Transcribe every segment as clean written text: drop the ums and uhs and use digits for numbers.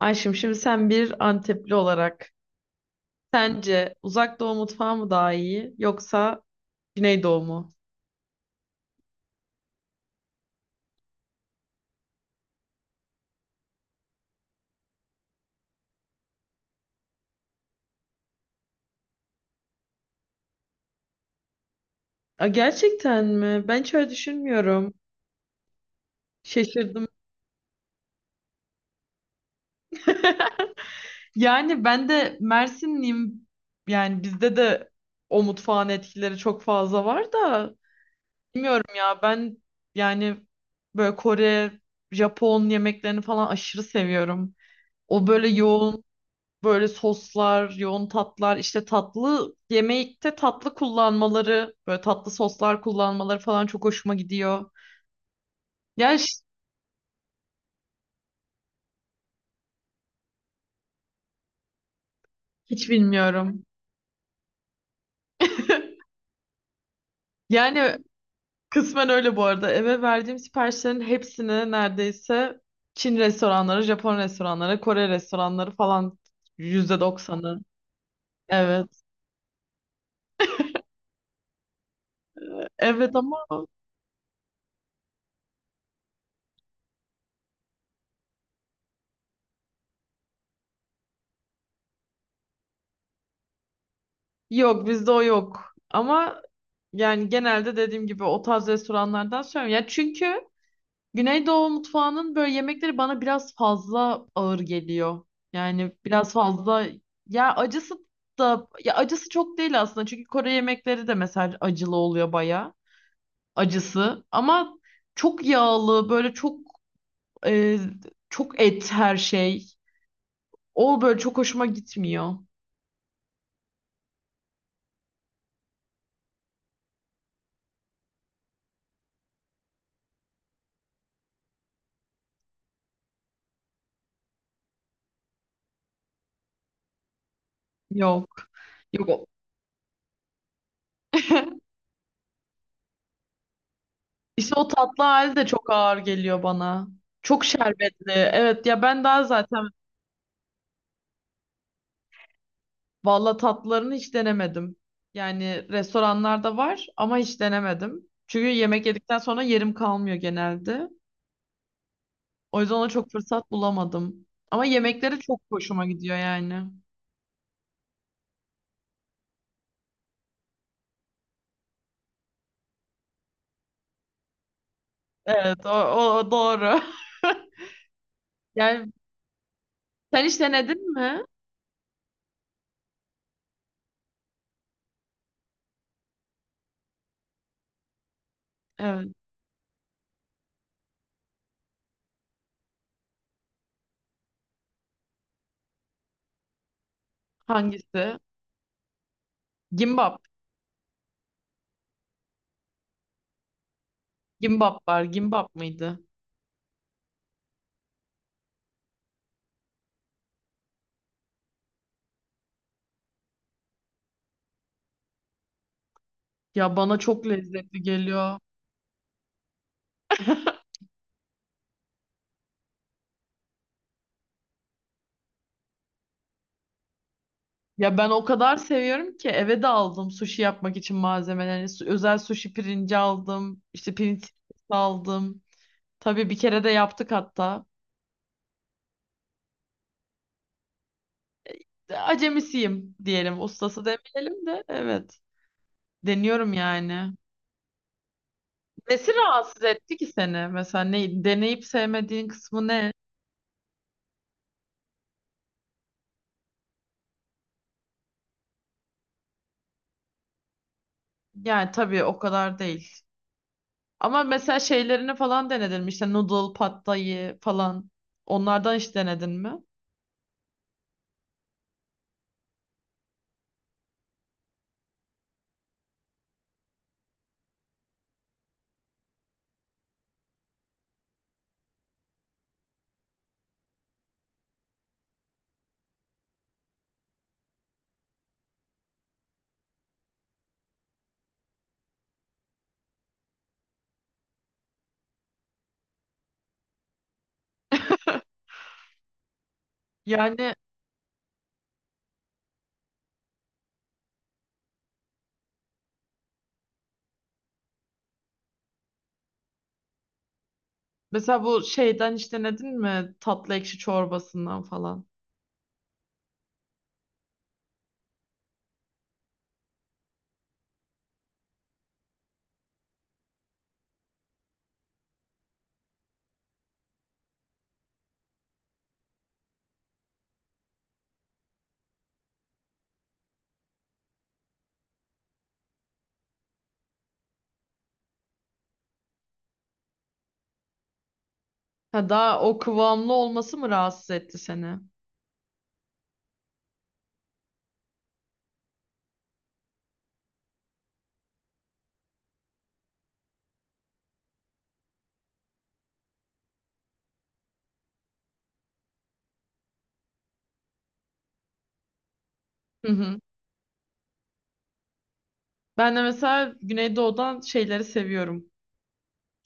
Ayşem, şimdi sen bir Antepli olarak sence Uzak Doğu mutfağı mı daha iyi yoksa Güneydoğu mu? Aa, gerçekten mi? Ben hiç öyle düşünmüyorum. Şaşırdım. Yani ben de Mersinliyim. Yani bizde de o mutfağın etkileri çok fazla var da bilmiyorum ya ben, yani böyle Kore, Japon yemeklerini falan aşırı seviyorum. O böyle yoğun, böyle soslar, yoğun tatlar, işte tatlı yemekte tatlı kullanmaları, böyle tatlı soslar kullanmaları falan çok hoşuma gidiyor. Ya hiç bilmiyorum. Yani kısmen öyle bu arada. Eve verdiğim siparişlerin hepsini neredeyse Çin restoranları, Japon restoranları, Kore restoranları falan, yüzde doksanı. Evet. Evet, ama yok, bizde o yok. Ama yani genelde dediğim gibi o tarz restoranlardan söylüyorum. Ya çünkü Güneydoğu mutfağının böyle yemekleri bana biraz fazla ağır geliyor. Yani biraz fazla, ya acısı da, ya acısı çok değil aslında. Çünkü Kore yemekleri de mesela acılı oluyor bayağı. Acısı, ama çok yağlı, böyle çok, e, çok et her şey. O böyle çok hoşuma gitmiyor. Yok. Yok. İşte o tatlı hali de çok ağır geliyor bana. Çok şerbetli. Evet, ya ben daha zaten. Valla tatlılarını hiç denemedim. Yani restoranlarda var ama hiç denemedim. Çünkü yemek yedikten sonra yerim kalmıyor genelde. O yüzden ona çok fırsat bulamadım. Ama yemekleri çok hoşuma gidiyor yani. Evet, o doğru. Yani sen hiç denedin mi? Evet. Hangisi? Gimbap. Gimbap var. Gimbap mıydı? Ya bana çok lezzetli geliyor. Ya ben o kadar seviyorum ki eve de aldım sushi yapmak için malzemeleri. Özel sushi pirinci aldım. İşte pirinç aldım. Tabii bir kere de yaptık hatta. Acemisiyim diyelim. Ustası demeyelim de, evet. Deniyorum yani. Nesi rahatsız etti ki seni? Mesela ne, deneyip sevmediğin kısmı ne? Yani tabii o kadar değil. Ama mesela şeylerini falan denedin mi? İşte noodle, pad thai falan. Onlardan hiç denedin mi? Yani mesela bu şeyden hiç denedin mi? Tatlı ekşi çorbasından falan. Ha, daha o kıvamlı olması mı rahatsız etti seni? Hı hı. Ben de mesela Güneydoğu'dan şeyleri seviyorum.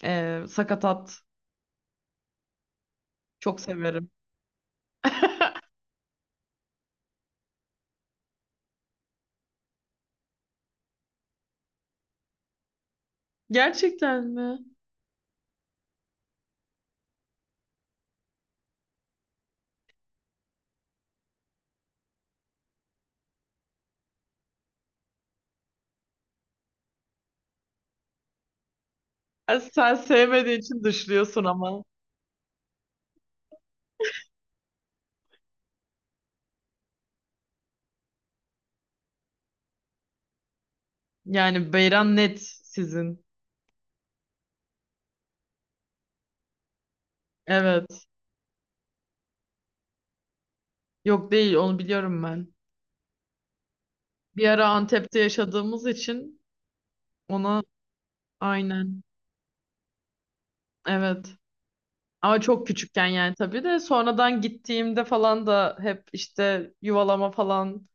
Sakatat. Çok severim. Gerçekten mi? Ha, sen sevmediğin için dışlıyorsun ama. Yani beyran net sizin. Evet. Yok, değil, onu biliyorum ben. Bir ara Antep'te yaşadığımız için ona, aynen. Evet. Ama çok küçükken, yani tabii de sonradan gittiğimde falan da hep işte yuvalama falan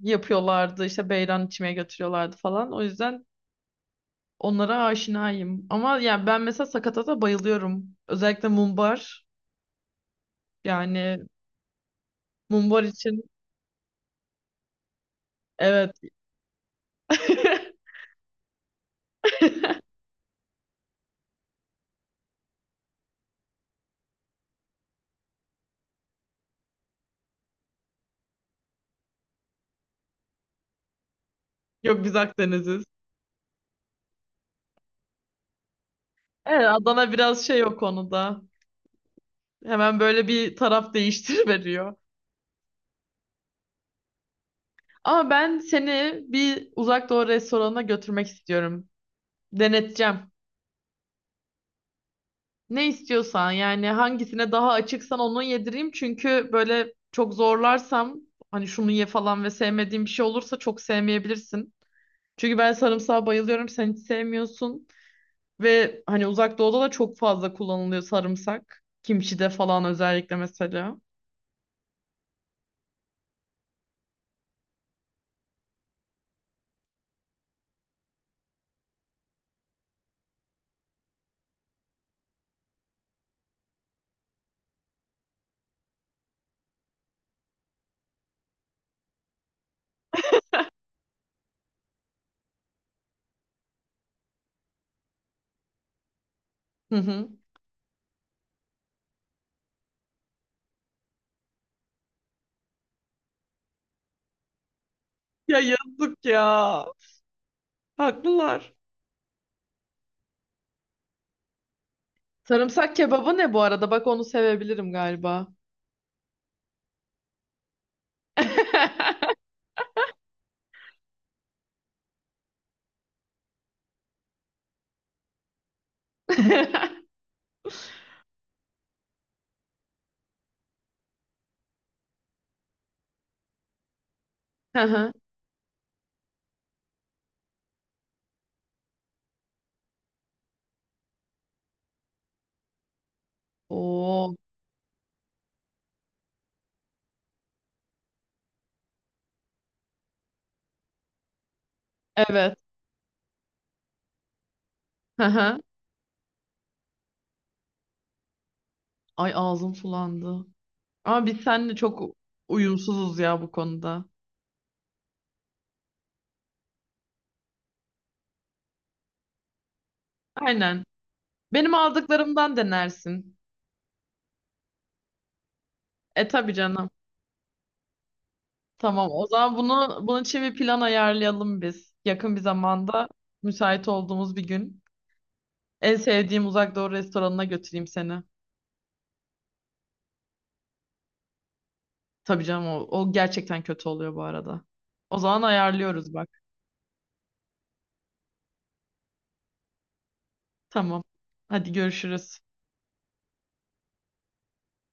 yapıyorlardı. İşte beyran içmeye götürüyorlardı falan. O yüzden onlara aşinayım. Ama yani ben mesela sakatata bayılıyorum. Özellikle mumbar. Yani mumbar için evet. Yok, biz Akdeniz'iz. Evet, Adana biraz şey o konuda. Hemen böyle bir taraf değiştir veriyor. Ama ben seni bir uzak doğu restoranına götürmek istiyorum. Deneteceğim. Ne istiyorsan, yani hangisine daha açıksan onu yedireyim. Çünkü böyle çok zorlarsam, hani şunu ye falan, ve sevmediğim bir şey olursa çok sevmeyebilirsin. Çünkü ben sarımsağa bayılıyorum, sen hiç sevmiyorsun. Ve hani uzak doğuda da çok fazla kullanılıyor sarımsak. Kimçide falan özellikle mesela. Hı hı. Ya yazık ya. Haklılar. Sarımsak kebabı ne bu arada? Bak onu sevebilirim galiba. Hı hı. Oo, evet. Hı hı. Ay ağzım sulandı. Ama biz seninle çok uyumsuzuz ya bu konuda. Aynen. Benim aldıklarımdan denersin. E tabii canım. Tamam, o zaman bunun için bir plan ayarlayalım biz. Yakın bir zamanda müsait olduğumuz bir gün. En sevdiğim Uzak Doğu restoranına götüreyim seni. Tabii canım, o gerçekten kötü oluyor bu arada. O zaman ayarlıyoruz bak. Tamam. Hadi görüşürüz.